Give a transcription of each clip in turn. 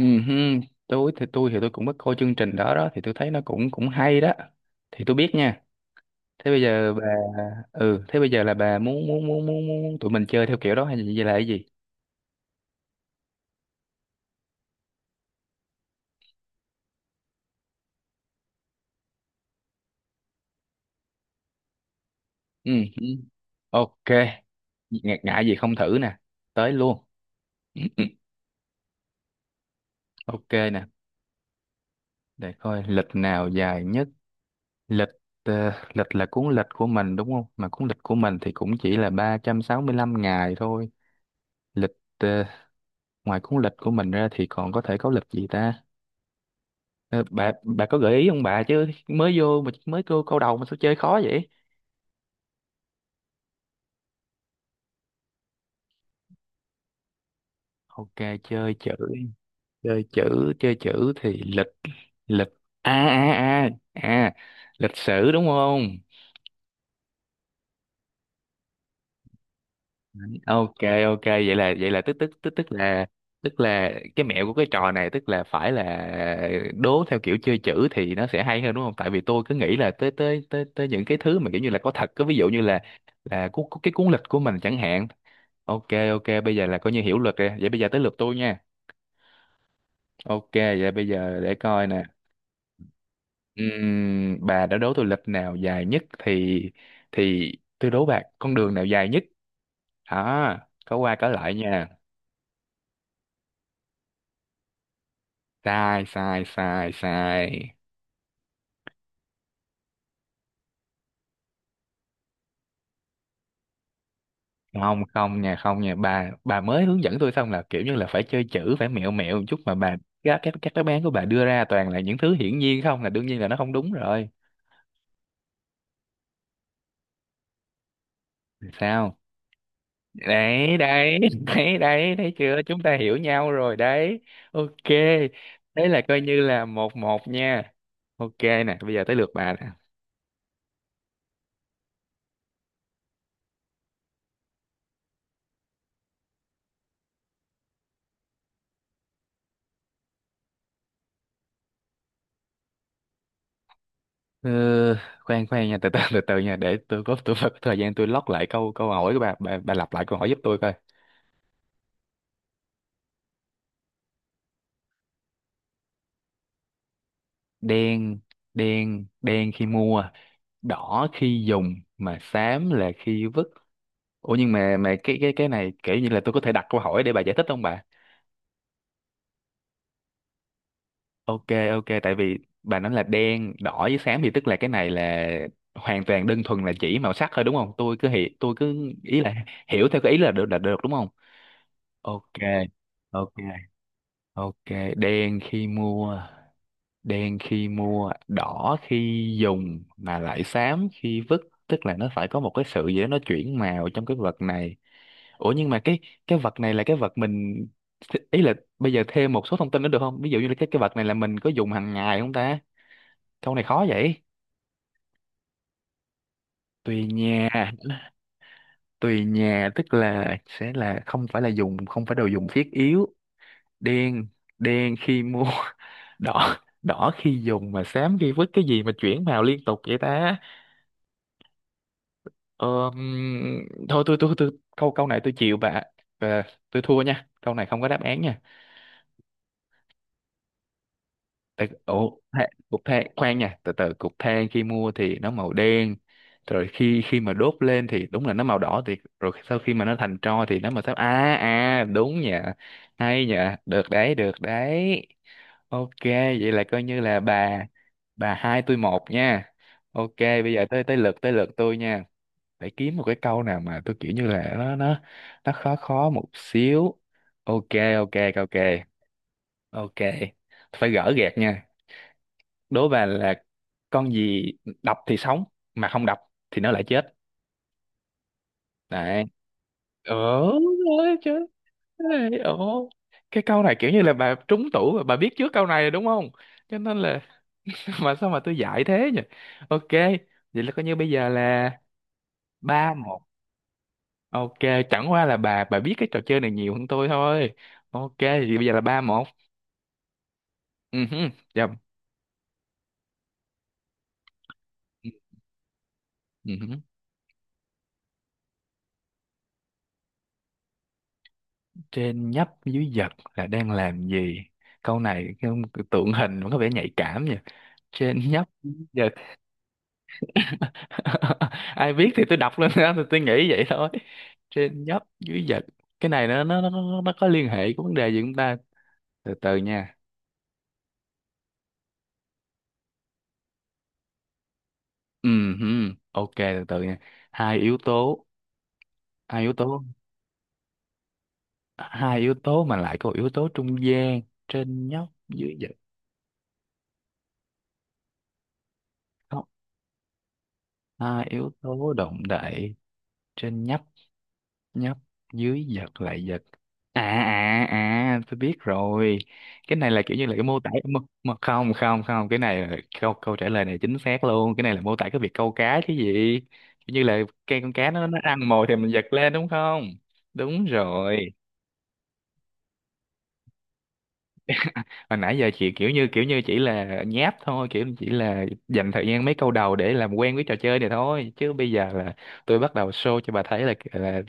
Ừ, hưng, tôi cũng có coi chương trình đó đó thì tôi thấy nó cũng cũng hay đó thì tôi biết nha. Thế bây giờ bà thế bây giờ là bà muốn muốn muốn muốn, muốn tụi mình chơi theo kiểu đó hay là gì, là cái gì? ừ, ừ. OK, ngại ngại gì, không thử nè, tới luôn. ừ, ừ. OK nè, để coi lịch nào dài nhất. Lịch, lịch là cuốn lịch của mình đúng không, mà cuốn lịch của mình thì cũng chỉ là 365 ngày thôi. Lịch, ờ, ngoài cuốn lịch của mình ra thì còn có thể có lịch gì ta? Ờ, bà có gợi ý không bà, chứ mới vô mà mới câu câu đầu mà sao chơi khó vậy? OK, chơi chữ, chơi chữ. Chơi chữ thì lịch, lịch, a a a à, lịch sử đúng không? OK. OK vậy là tức tức tức tức là, tức là cái mẹo của cái trò này tức là phải là đố theo kiểu chơi chữ thì nó sẽ hay hơn đúng không, tại vì tôi cứ nghĩ là tới tới tới tới những cái thứ mà kiểu như là có thật, có ví dụ như là cu, cu- cái cuốn lịch của mình chẳng hạn. OK, OK, bây giờ là coi như hiểu luật rồi, vậy bây giờ tới lượt tôi nha. OK vậy bây giờ để coi nè. Bà đã đố tôi lịch nào dài nhất thì tôi đố bà con đường nào dài nhất. Đó, có qua có lại nha. Sai, sai, sai, sai. Không không nha, không nha, bà mới hướng dẫn tôi xong là kiểu như là phải chơi chữ, phải mẹo mẹo một chút mà bà. Các đáp án của bà đưa ra toàn là những thứ hiển nhiên, không là đương nhiên là nó không đúng rồi. Sao? Đấy, đấy, đấy, đấy, thấy chưa, chúng ta hiểu nhau rồi đấy. OK, đấy là coi như là 1-1 nha. OK nè, bây giờ tới lượt bà nè. Ờ, khoan khoan nha, từ từ nha, để tôi có, tôi phải có thời gian tôi lót lại câu câu hỏi của bà, bà lặp lại câu hỏi giúp tôi coi. Đen, đen, đen khi mua, đỏ khi dùng, mà xám là khi vứt. Ủa nhưng mà cái này kiểu như là tôi có thể đặt câu hỏi để bà giải thích không bà? OK, OK, tại vì bà nói là đen, đỏ với xám, thì tức là cái này là hoàn toàn đơn thuần là chỉ màu sắc thôi đúng không, tôi cứ hiểu, tôi cứ ý là hiểu theo cái ý là được, là được đúng không? OK, OK. OK, đen khi mua, đen khi mua, đỏ khi dùng mà lại xám khi vứt, tức là nó phải có một cái sự gì đó nó chuyển màu trong cái vật này. Ủa nhưng mà cái vật này là cái vật mình, ý là bây giờ thêm một số thông tin nữa được không? Ví dụ như là cái vật này là mình có dùng hàng ngày không ta? Câu này khó vậy. Tùy nhà, tùy nhà tức là sẽ là không phải là dùng, không phải đồ dùng thiết yếu. Đen, đen khi mua, đỏ đỏ khi dùng mà xám khi vứt, cái gì mà chuyển màu liên tục vậy ta? Ờ, thôi tôi câu câu này tôi chịu bà. Ờ, tôi thua nha, câu này không có đáp án nha. Tại, ủa, than, cục than, khoan nha, từ từ, cục than khi mua thì nó màu đen, rồi khi khi mà đốt lên thì đúng là nó màu đỏ, thì rồi sau khi mà nó thành tro thì nó màu xám. À à, đúng nha. Hay nha, được đấy, được đấy. OK, vậy là coi như là bà hai tôi một nha. OK bây giờ tới tới tới lượt tôi nha. Phải kiếm một cái câu nào mà tôi kiểu như là nó khó khó một xíu. OK, OK, OK, OK, phải gỡ gạc nha. Đố bà là con gì đập thì sống, mà không đập thì nó lại chết? Đấy, ờ, ơi chứ, ê, ồ, cái câu này kiểu như là bà trúng tủ và bà biết trước câu này rồi đúng không, cho nên là mà sao mà tôi dạy thế nhỉ? OK vậy là coi như bây giờ là 3-1. OK, chẳng qua là bà biết cái trò chơi này nhiều hơn tôi thôi. OK thì bây giờ là ba một. Ừ hứ. Dạ. Ừ hứ. Trên nhấp dưới giật là đang làm gì? Câu này tượng hình mà có vẻ nhạy cảm nha. Trên nhấp dưới giật. ai biết thì tôi đọc lên, đó thì tôi nghĩ vậy thôi. Trên nhấp dưới giật, cái này nó có liên hệ của vấn đề gì chúng ta, từ từ nha. Ừ hử, OK từ từ nha. Hai yếu tố, hai yếu tố, hai yếu tố mà lại có một yếu tố trung gian. Trên nhấp dưới giật, không, hai yếu tố động đậy. Trên nhấp, nhấp, dưới giật, lại giật. Tôi biết rồi, cái này là kiểu như là cái mô tả mà không không không, cái này là câu câu trả lời này chính xác luôn, cái này là mô tả cái việc câu cá chứ gì. Kiểu như là cây, con cá nó ăn mồi thì mình giật lên đúng không? Đúng rồi. Hồi nãy giờ chị kiểu như chỉ là nháp thôi, kiểu chỉ là dành thời gian mấy câu đầu để làm quen với trò chơi này thôi, chứ bây giờ là tôi bắt đầu show cho bà thấy là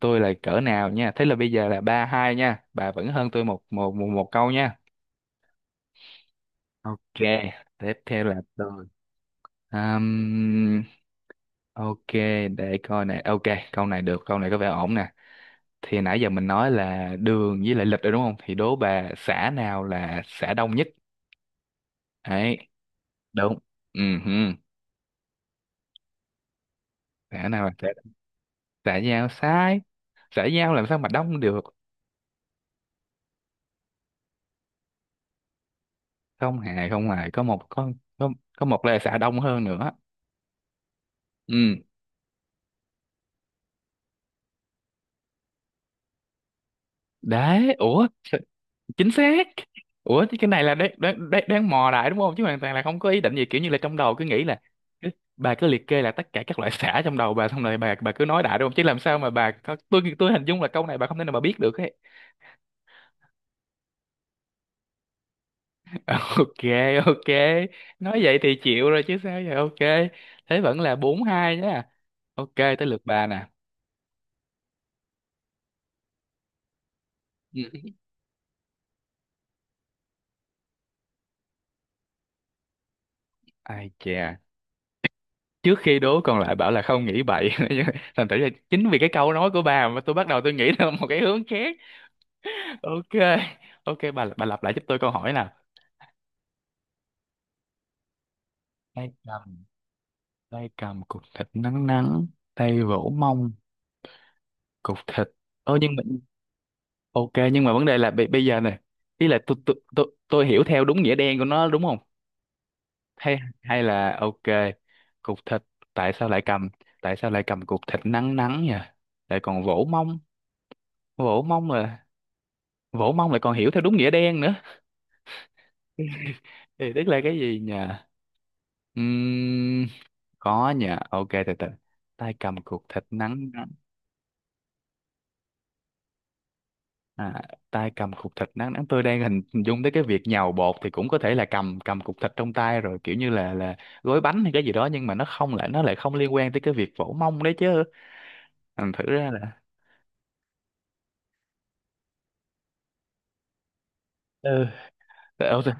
tôi là cỡ nào nha. Thế là bây giờ là 3-2 nha, bà vẫn hơn tôi một câu nha. OK, tiếp theo là tôi. Ừm, OK, để coi này. OK, câu này được, câu này có vẻ ổn nè. Thì nãy giờ mình nói là đường với lại lịch rồi đúng không? Thì đố bà xã nào là xã đông nhất? Đấy, đúng. Ừ, hừ. Xã nào là xã, xã giao sai. Xã giao làm sao mà đông được? Không hề, không hề. Có một có, có, có một là xã đông hơn nữa. Ừ, đấy. Ủa? Chính xác. Ủa chứ cái này là đoán mò đại đúng không, chứ hoàn toàn là không có ý định gì, kiểu như là trong đầu cứ nghĩ là cứ- bà cứ liệt kê là tất cả các loại sả trong đầu bà, xong rồi bà cứ nói đại đúng không, chứ làm sao mà tôi hình dung là câu này bà không thể nào bà biết được ấy. OK, OK, nói vậy thì chịu rồi chứ sao vậy. OK, thế vẫn là 4-2 nhá. OK tới lượt bà nè. Ừ. Ai chà, trước khi đố còn lại bảo là không nghĩ bậy. Thành thử là chính vì cái câu nói của bà mà tôi bắt đầu tôi nghĩ theo một cái hướng khác. OK, OK, bà lặp lại giúp tôi câu hỏi nào. Tay cầm, tay cầm cục thịt nắng nắng, tay vỗ mông, cục thịt. Ô nhưng mà, OK nhưng mà vấn đề là bây giờ này ý là tôi hiểu theo đúng nghĩa đen của nó đúng không? Hay hay là OK. Cục thịt, tại sao lại cầm, tại sao lại cầm cục thịt nắng nắng nhỉ, lại còn vỗ mông, vỗ mông mà, vỗ mông lại còn hiểu theo đúng nghĩa đen nữa. Thì tức là cái gì nhỉ? Ừm, có nha, OK từ từ, tay cầm cục thịt nắng nắng. à, tay cầm cục thịt nắng nắng, tôi đang hình hình dung tới cái việc nhào bột, thì cũng có thể là cầm cầm cục thịt trong tay rồi kiểu như là gói bánh hay cái gì đó, nhưng mà nó không, lại nó lại không liên quan tới cái việc vỗ mông đấy chứ. Thử ra là, ừ, từ từ,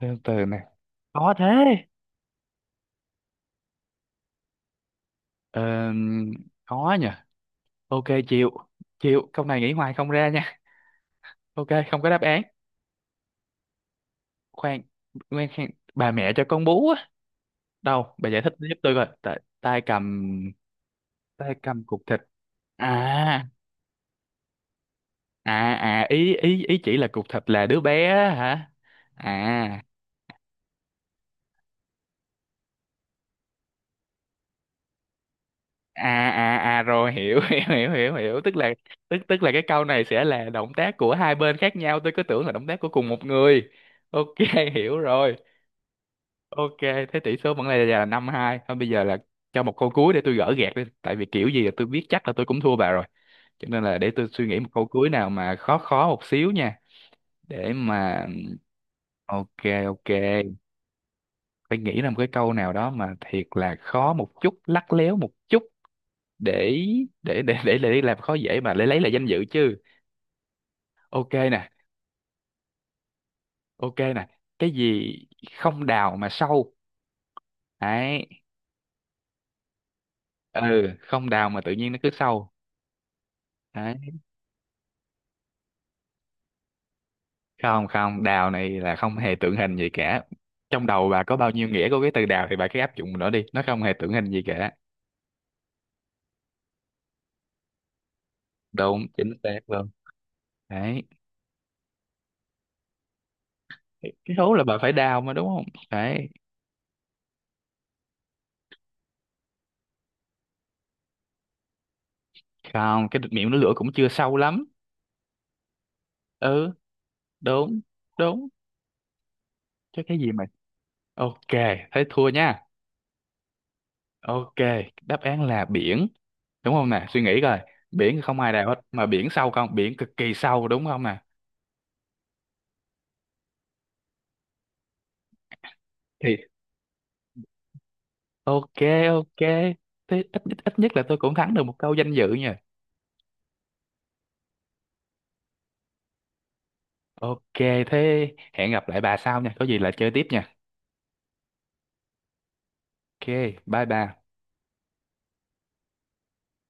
từ, nè, có thế. ờ, có nha, OK chịu, chịu câu này, nghĩ hoài không ra nha. OK không có đáp án. Khoan, khoan. Bà mẹ cho con bú á? Đâu bà giải thích giúp tôi coi. Tay cầm, tay cầm cục thịt. à ý ý ý chỉ là cục thịt là đứa bé á hả? à rồi hiểu, hiểu hiểu hiểu hiểu tức là, tức tức là cái câu này sẽ là động tác của hai bên khác nhau, tôi cứ tưởng là động tác của cùng một người. OK, hiểu rồi. OK, thế tỷ số vẫn là 5-2 thôi, bây giờ là cho một câu cuối để tôi gỡ gạc đi, tại vì kiểu gì là tôi biết chắc là tôi cũng thua bà rồi, cho nên là để tôi suy nghĩ một câu cuối nào mà khó khó một xíu nha. Để mà, OK, OK, phải nghĩ ra một cái câu nào đó mà thiệt là khó một chút, lắt léo một chút. để để làm khó dễ mà, để lấy lại danh dự chứ. OK nè, OK nè, cái gì không đào mà sâu? Đấy. Ừ, không đào mà tự nhiên nó cứ sâu. Đấy. Không, không, đào này là không hề tượng hình gì cả, trong đầu bà có bao nhiêu nghĩa của cái từ đào thì bà cứ áp dụng nó đi, nó không hề tượng hình gì cả. Đúng, chính xác luôn. Đấy, cái hố là bà phải đào mà đúng không? Đấy. Không, cái miệng nó lửa cũng chưa sâu lắm. Ừ, đúng, đúng. Chứ cái gì mà, OK, thế thua nha. OK, đáp án là biển, đúng không nè, suy nghĩ coi, biển thì không ai đào hết mà biển sâu, không, biển cực kỳ sâu đúng không nè. Thì, OK, OK, thế ít, ít ít nhất là tôi cũng thắng được một câu danh dự nha. OK, thế hẹn gặp lại bà sau nha, có gì là chơi tiếp nha. OK, bye bye.